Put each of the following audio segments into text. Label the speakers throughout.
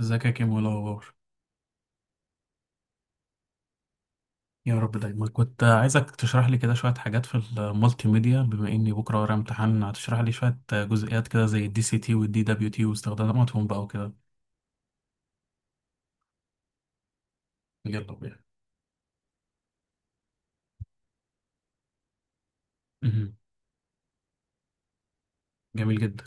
Speaker 1: ازيك يا كيمو؟ إيه الاخبار؟ يا رب دايما. كنت عايزك تشرح لي كده شويه حاجات في المالتي ميديا، بما اني بكره ورايا امتحان. هتشرح لي شويه جزئيات كده زي الدي سي تي والدي دبليو تي واستخداماتهم بقى وكده. يلا بينا. مهم. جميل جدا.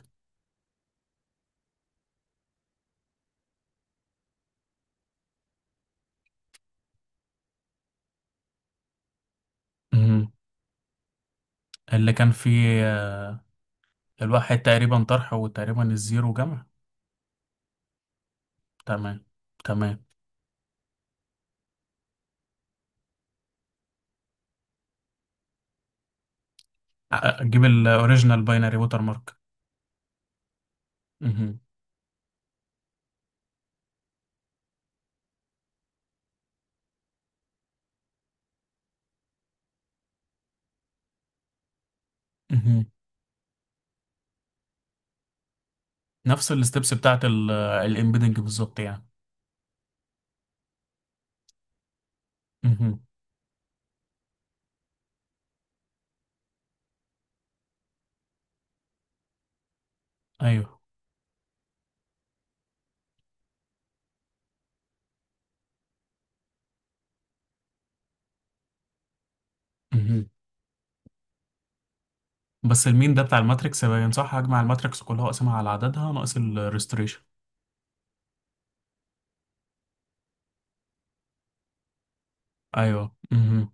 Speaker 1: مهم. اللي كان فيه. آه، الواحد تقريبا طرح وتقريبا الزيرو جمع. تمام، تمام. اجيب الاوريجينال باينري ووتر مارك. مهم. مهم. نفس الستبس بتاعت الامبيدنج بالظبط يعني. مهم. ايوه. مهم. بس المين ده بتاع الماتريكس باين صح، هجمع الماتريكس كلها واقسمها على عددها ناقص الريستريشن. ايوه، امم.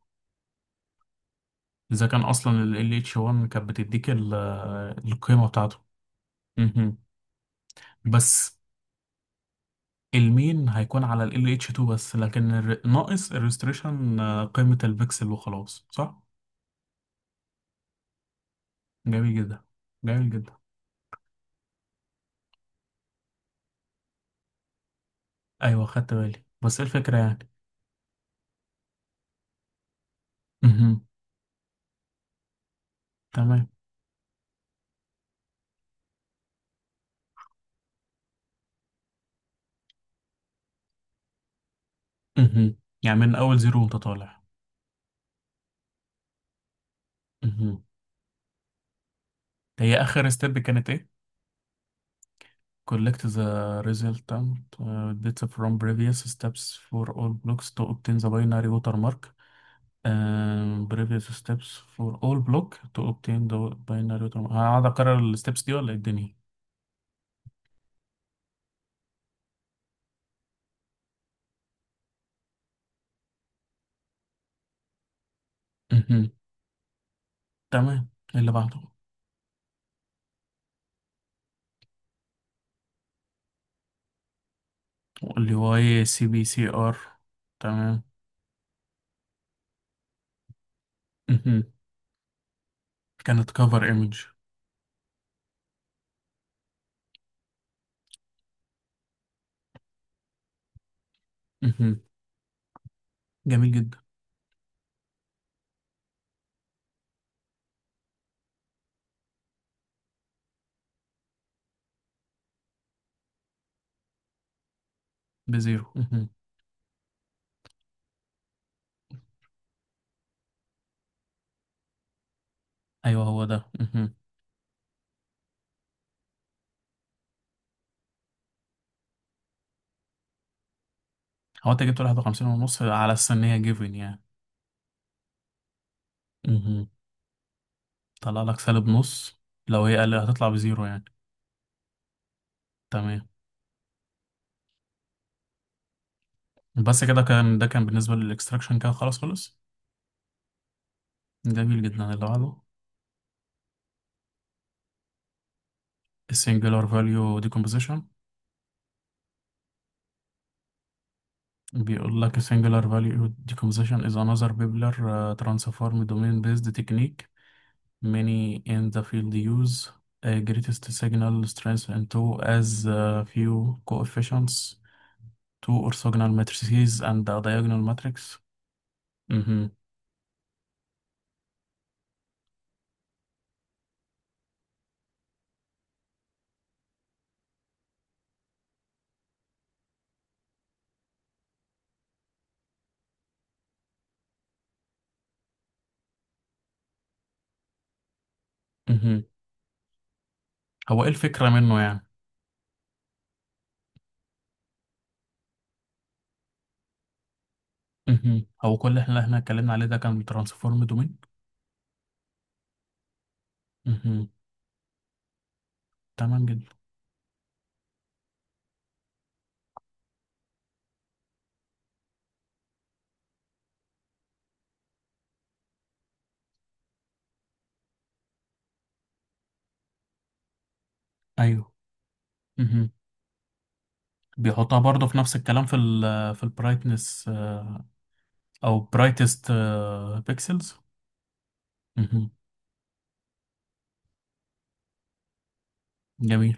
Speaker 1: اذا كان اصلا ال LH1 كانت بتديك القيمه بتاعته. امم. بس المين هيكون على ال LH2 بس، لكن ناقص الريستريشن قيمه البكسل وخلاص، صح؟ جميل جدا، جميل جدا. ايوه خدت بالي، بس إيه الفكره يعني؟ امم. تمام. امم. يعني من اول زيرو وانت طالع. امم. هي اخر ستيب كانت ايه؟ Collect the resultant data from previous steps for all blocks to obtain the binary watermark. Previous steps for all block to obtain the binary watermark. هقعد أكرر الستبس دي ولا إيه الدنيا؟ مهم. تمام. اللي بعده. اللي هو ايه، سي بي سي ار. تمام. مهم. كانت كفر ايمج. جميل جدا. بزيرو. مهم. ايوه، هو ده. مهم. هو انت جبت واحد وخمسين ونص على السنية جيفن يعني؟ مهم. طلع لك سالب نص. لو هي أقل هتطلع بزيره يعني. تمام. بس كده، كان ده كان بالنسبة للإكستركسشن، كان خلاص خلص. جميل جدا. اللي عادو سينغولر فاليو ديكومبيشن. بيقول لك سينغولر فاليو ديكومبيشن is another popular transform domain based technique, many in the field use a greatest signal strength into as few coefficients to or signal matrices and a diagonal matrix. أممم أممم هو إل فكرة من نوعه. مهم. هو كل اللي احنا اتكلمنا عليه ده كان ترانسفورم دومين. مهم. تمام جدا. ايوه. مهم. بيحطها برضه في نفس الكلام في ال، في البرايتنس او برايتست بيكسلز. جميل.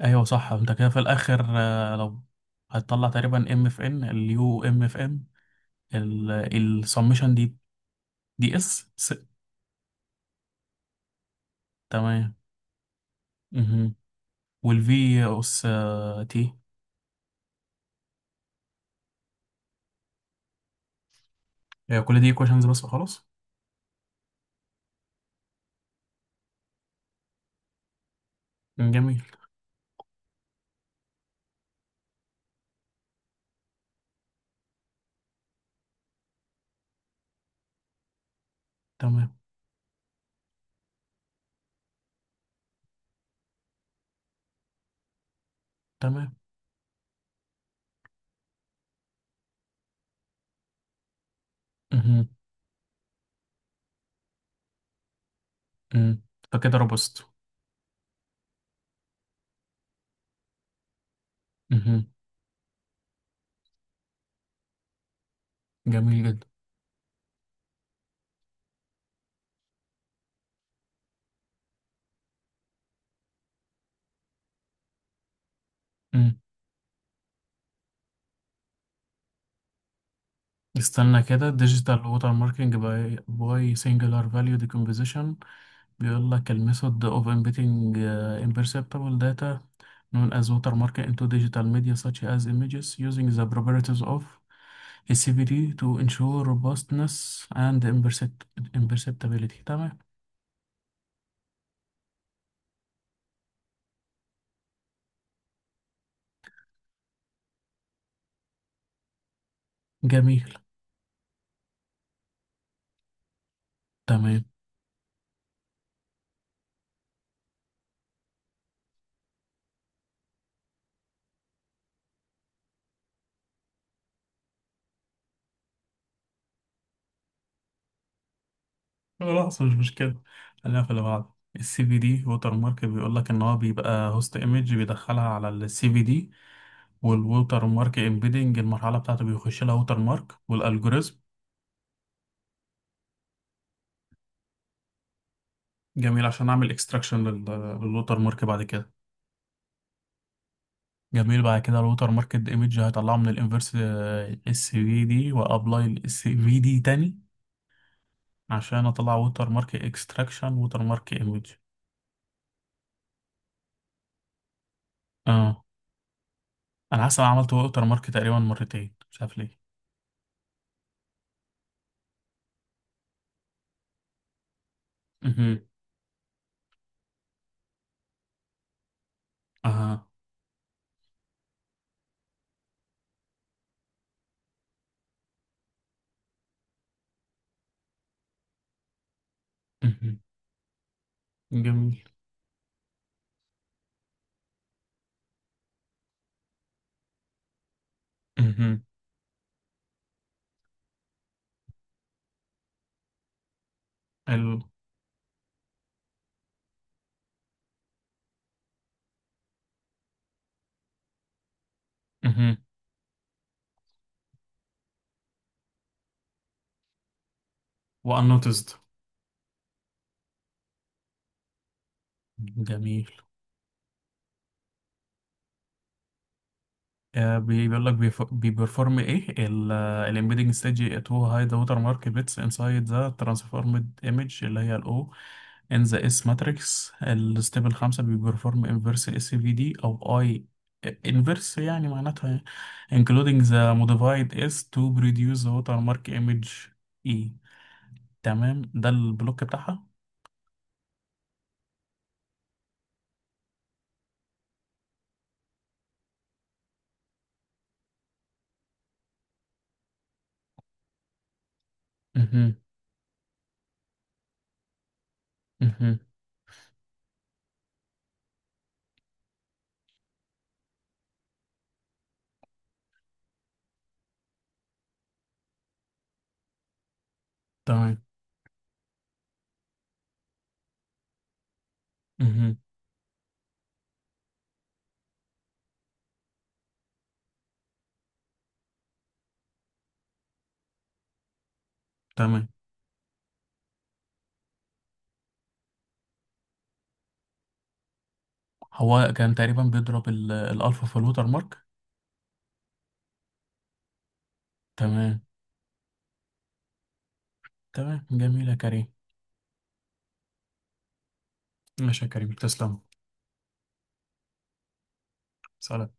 Speaker 1: ايوه صح، انت كده في الاخر، آه، لو هتطلع تقريبا ام اف ان اليو ام اف ان السمشن دي دي اس س. تمام. مهم. والفي اس تي. هي كل دي ايكويشنز بس وخلاص. جميل. تمام. تمام. مهم. مم. فكده روبست. مهم. جميل جدا. مم. استنى كده، ديجيتال ووتر ماركينج باي سنجلر فاليو ديكومبوزيشن. بيقول لك الميثود اوف امبيتنج امبرسبتبل داتا known as watermarking into digital media such as images using the properties of a CVD to ensure robustness and imperceptibility. تمام. جميل. تمام. خلاص مش مشكلة. خلينا في اللي بعده. السي في دي ووتر مارك، بيقول لك ان هو بيبقى هوست ايمج بيدخلها على السي في دي، والووتر مارك امبيدنج المرحلة بتاعته بيخش لها ووتر مارك والالجوريزم. جميل، عشان اعمل اكستراكشن للووتر مارك بعد كده. جميل، بعد كده الووتر مارك ايمج هطلعه من الانفرس السي في دي، وابلاي السي في دي تاني عشان اطلع ووتر مارك اكستراكشن ووتر مارك ايمج. اه. انا حاسس انا عملت ووتر مارك تقريبا مرتين، مش عارف ليه. مهم. اها. جميل. مهم. ال. مهم. وانوتزد. جميل. آه، بيقول لك بيبرفورم ايه. الامبيدنج ستيج تو هاي ذا ووتر مارك بيتس انسايد ذا ترانسفورمد ايمج، اللي هي الاو ان ذا اس ماتريكس. الستيب الخامسه بيبرفورم انفرس اس في دي او اي. انفرس يعني معناتها including the modified S to produce the watermark image E. تمام، ده البلوك بتاعها. مهم. مهم. تمام. مهم. تمام. هو كان تقريبا بيضرب الألفا في الوتر مارك. تمام. تمام. جميل يا كريم. ماشي يا كريم، تسلم. سلام.